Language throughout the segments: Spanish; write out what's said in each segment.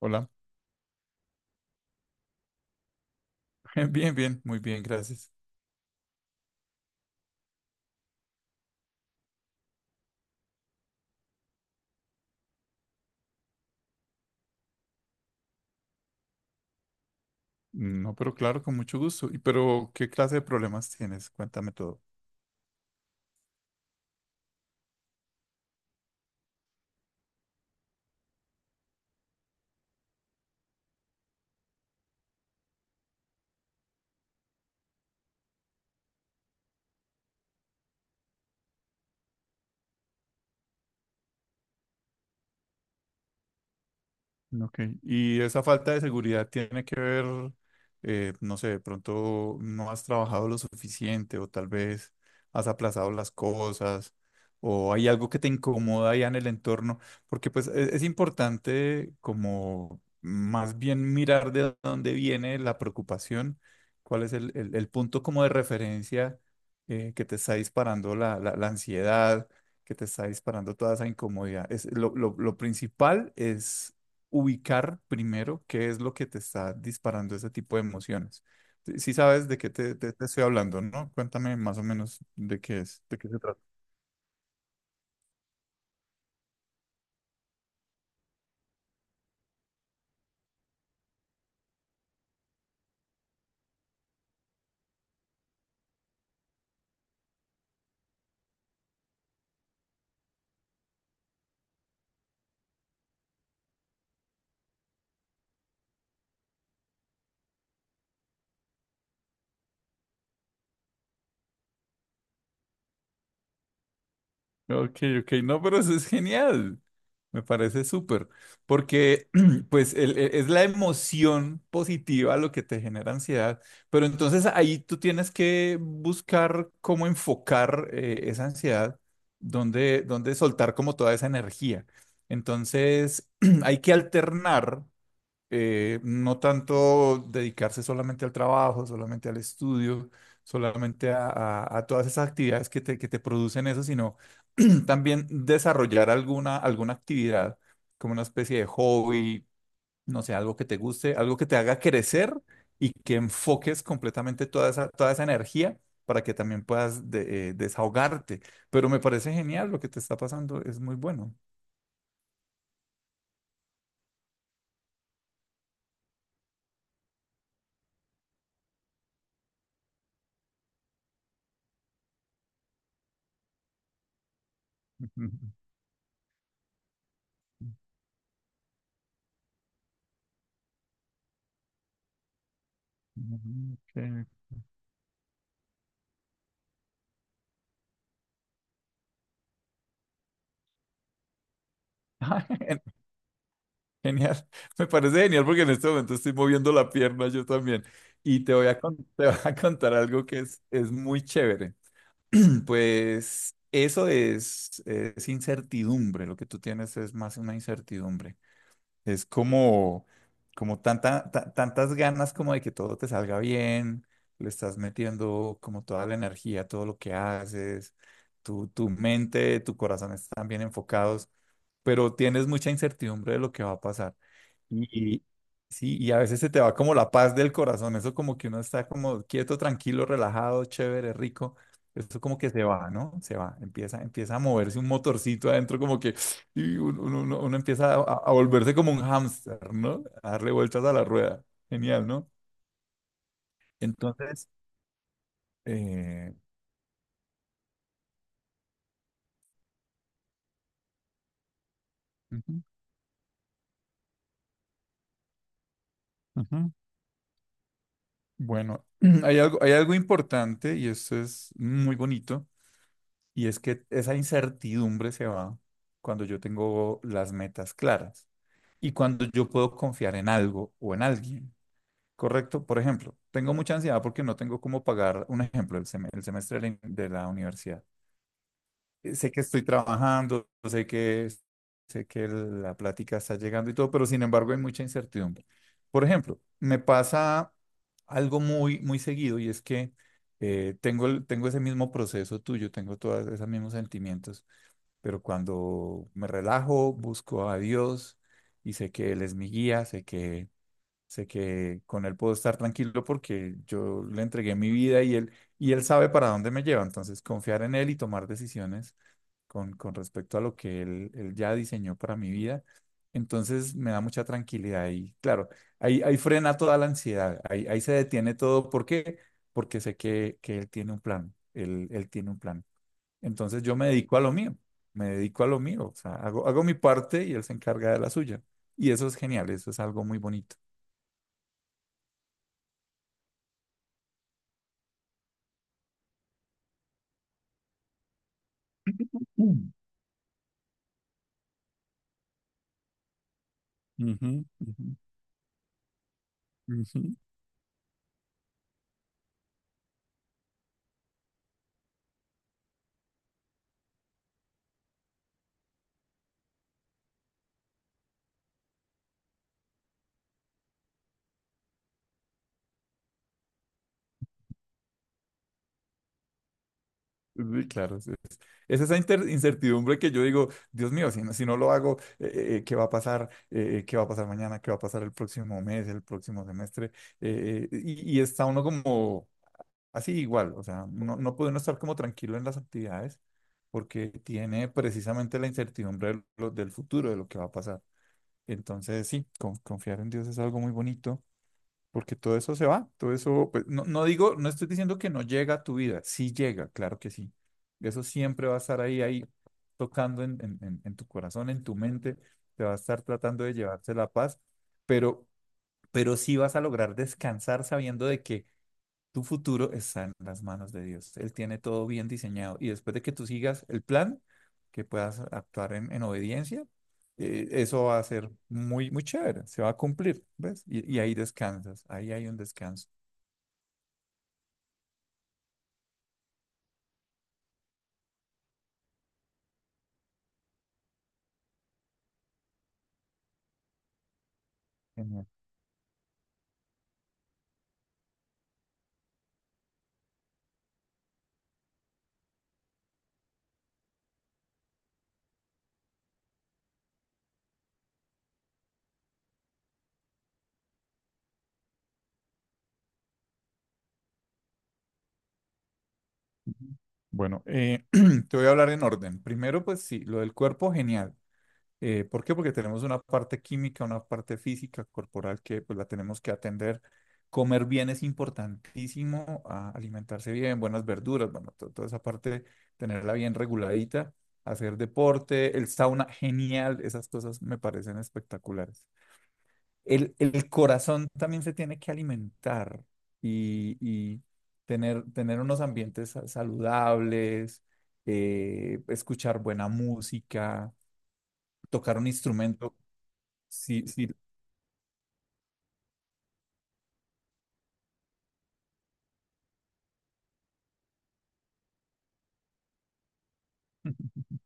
Hola. Bien, bien, muy bien, gracias. No, pero claro, con mucho gusto. ¿Y pero qué clase de problemas tienes? Cuéntame todo. Ok, y esa falta de seguridad tiene que ver, no sé, de pronto no has trabajado lo suficiente o tal vez has aplazado las cosas o hay algo que te incomoda ya en el entorno, porque pues es, importante como más bien mirar de dónde viene la preocupación, cuál es el punto como de referencia que te está disparando la ansiedad que te está disparando toda esa incomodidad. Es, lo principal es ubicar primero qué es lo que te está disparando ese tipo de emociones. Si sabes de qué te estoy hablando, ¿no? Cuéntame más o menos de qué es, de qué se trata. Ok, ok, no, pero eso es genial. Me parece súper, porque pues es la emoción positiva lo que te genera ansiedad, pero entonces ahí tú tienes que buscar cómo enfocar esa ansiedad, dónde, dónde soltar como toda esa energía. Entonces hay que alternar no tanto dedicarse solamente al trabajo, solamente al estudio, solamente a, a todas esas actividades que te producen eso, sino también desarrollar alguna, alguna actividad, como una especie de hobby, no sé, algo que te guste, algo que te haga crecer y que enfoques completamente toda esa energía para que también puedas desahogarte. Pero me parece genial lo que te está pasando, es muy bueno. Ujú, ujú, ok. Genial, me parece genial porque en este momento estoy moviendo la pierna yo también. Y te voy a, te voy a contar algo que es muy chévere. Pues eso es incertidumbre, lo que tú tienes es más una incertidumbre. Es como, como tanta, tantas ganas como de que todo te salga bien, le estás metiendo como toda la energía, todo lo que haces, tu mente, tu corazón están bien enfocados, pero tienes mucha incertidumbre de lo que va a pasar. Y sí, y a veces se te va como la paz del corazón, eso como que uno está como quieto, tranquilo, relajado, chévere, rico, eso como que se va, ¿no? Se va, empieza, empieza a moverse un motorcito adentro, como que y uno, uno empieza a volverse como un hámster, ¿no? A darle vueltas a la rueda, genial, ¿no? Entonces, eh, ujú, ujú. Bueno, hay algo importante y esto es muy bonito. Y es que esa incertidumbre se va cuando yo tengo las metas claras y cuando yo puedo confiar en algo o en alguien. Correcto, por ejemplo, tengo mucha ansiedad porque no tengo cómo pagar, un ejemplo, el, el semestre de la universidad. Sé que estoy trabajando, sé que la plática está llegando y todo, pero sin embargo hay mucha incertidumbre. Por ejemplo, me pasa algo muy, muy seguido y es que tengo, tengo ese mismo proceso tuyo, tengo todos esos mismos sentimientos, pero cuando me relajo, busco a Dios y sé que Él es mi guía, sé que con Él puedo estar tranquilo porque yo le entregué mi vida y él sabe para dónde me lleva. Entonces, confiar en Él y tomar decisiones con respecto a lo que él ya diseñó para mi vida. Entonces me da mucha tranquilidad y claro, ahí, ahí frena toda la ansiedad, ahí, ahí se detiene todo. ¿Por qué? Porque sé que él tiene un plan, él tiene un plan. Entonces yo me dedico a lo mío, me dedico a lo mío, o sea, hago, hago mi parte y él se encarga de la suya. Y eso es genial, eso es algo muy bonito. Mm. Ujú, ujú, ujú. Sí, claro, es esa incertidumbre que yo digo, Dios mío, si no, si no lo hago, ¿qué va a pasar? ¿Qué va a pasar mañana? ¿Qué va a pasar el próximo mes, el próximo semestre? Y está uno como así igual, o sea, no, no puede uno estar como tranquilo en las actividades porque tiene precisamente la incertidumbre de del futuro, de lo que va a pasar. Entonces, sí, confiar en Dios es algo muy bonito. Porque todo eso se va, todo eso, pues, no, no digo, no estoy diciendo que no llega a tu vida, sí llega, claro que sí. Eso siempre va a estar ahí, ahí, tocando en, en tu corazón, en tu mente, te va a estar tratando de llevarse la paz, pero, pero sí vas a lograr descansar sabiendo de que tu futuro está en las manos de Dios. Él tiene todo bien diseñado. Y después de que tú sigas el plan, que puedas actuar en obediencia, eso va a ser muy, muy chévere. Se va a cumplir, ¿ves? Y ahí descansas. Ahí hay un descanso. Genial. Ujú. Bueno, te voy a hablar en orden. Primero, pues sí, lo del cuerpo, genial. ¿Por qué? Porque tenemos una parte química, una parte física, corporal, que pues la tenemos que atender. Comer bien es importantísimo, alimentarse bien, buenas verduras, bueno, toda esa parte, tenerla bien reguladita, hacer deporte, el sauna, genial, esas cosas me parecen espectaculares. El corazón también se tiene que alimentar y tener, tener unos ambientes saludables, escuchar buena música, tocar un instrumento. Sí, sí.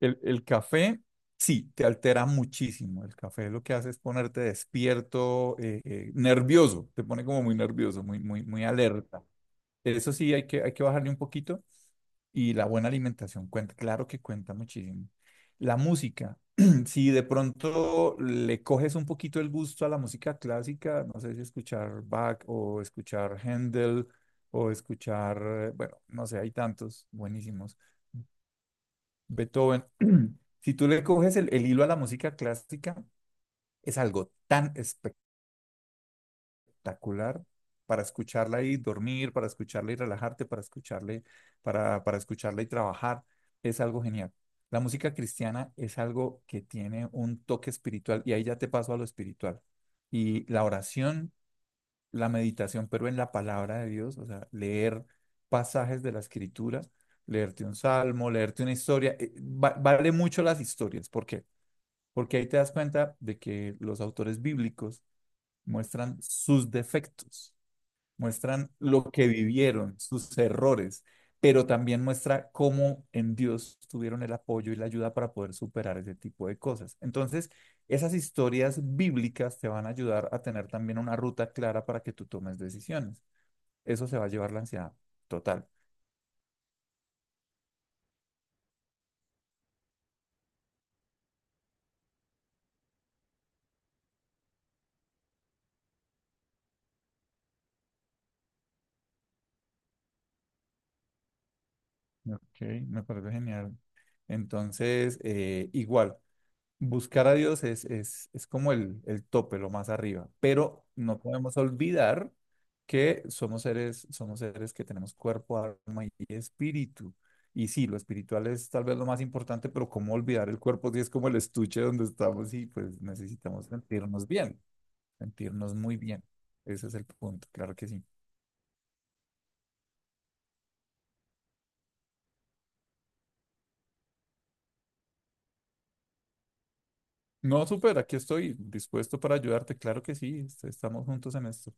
El café, sí, te altera muchísimo. El café lo que hace es ponerte despierto, nervioso, te pone como muy nervioso, muy, muy, muy alerta. Eso sí, hay que bajarle un poquito. Y la buena alimentación cuenta, claro que cuenta muchísimo. La música, si de pronto le coges un poquito el gusto a la música clásica, no sé si escuchar Bach o escuchar Händel o escuchar, bueno, no sé, hay tantos buenísimos. Beethoven. Si tú le coges el hilo a la música clásica, es algo tan espectacular para escucharla y dormir, para escucharla y relajarte, para escucharle, para escucharla y trabajar. Es algo genial. La música cristiana es algo que tiene un toque espiritual y ahí ya te paso a lo espiritual. Y la oración, la meditación, pero en la palabra de Dios, o sea, leer pasajes de la escritura, leerte un salmo, leerte una historia, vale mucho las historias. ¿Por qué? Porque ahí te das cuenta de que los autores bíblicos muestran sus defectos, muestran lo que vivieron, sus errores, pero también muestra cómo en Dios tuvieron el apoyo y la ayuda para poder superar ese tipo de cosas. Entonces, esas historias bíblicas te van a ayudar a tener también una ruta clara para que tú tomes decisiones. Eso se va a llevar la ansiedad total. Ok, me parece genial. Entonces, igual. Buscar a Dios es como el tope, lo más arriba, pero no podemos olvidar que somos seres que tenemos cuerpo, alma y espíritu. Y sí, lo espiritual es tal vez lo más importante, pero cómo olvidar el cuerpo si es como el estuche donde estamos y pues necesitamos sentirnos bien, sentirnos muy bien. Ese es el punto, claro que sí. No, súper, aquí estoy dispuesto para ayudarte, claro que sí, estamos juntos en esto.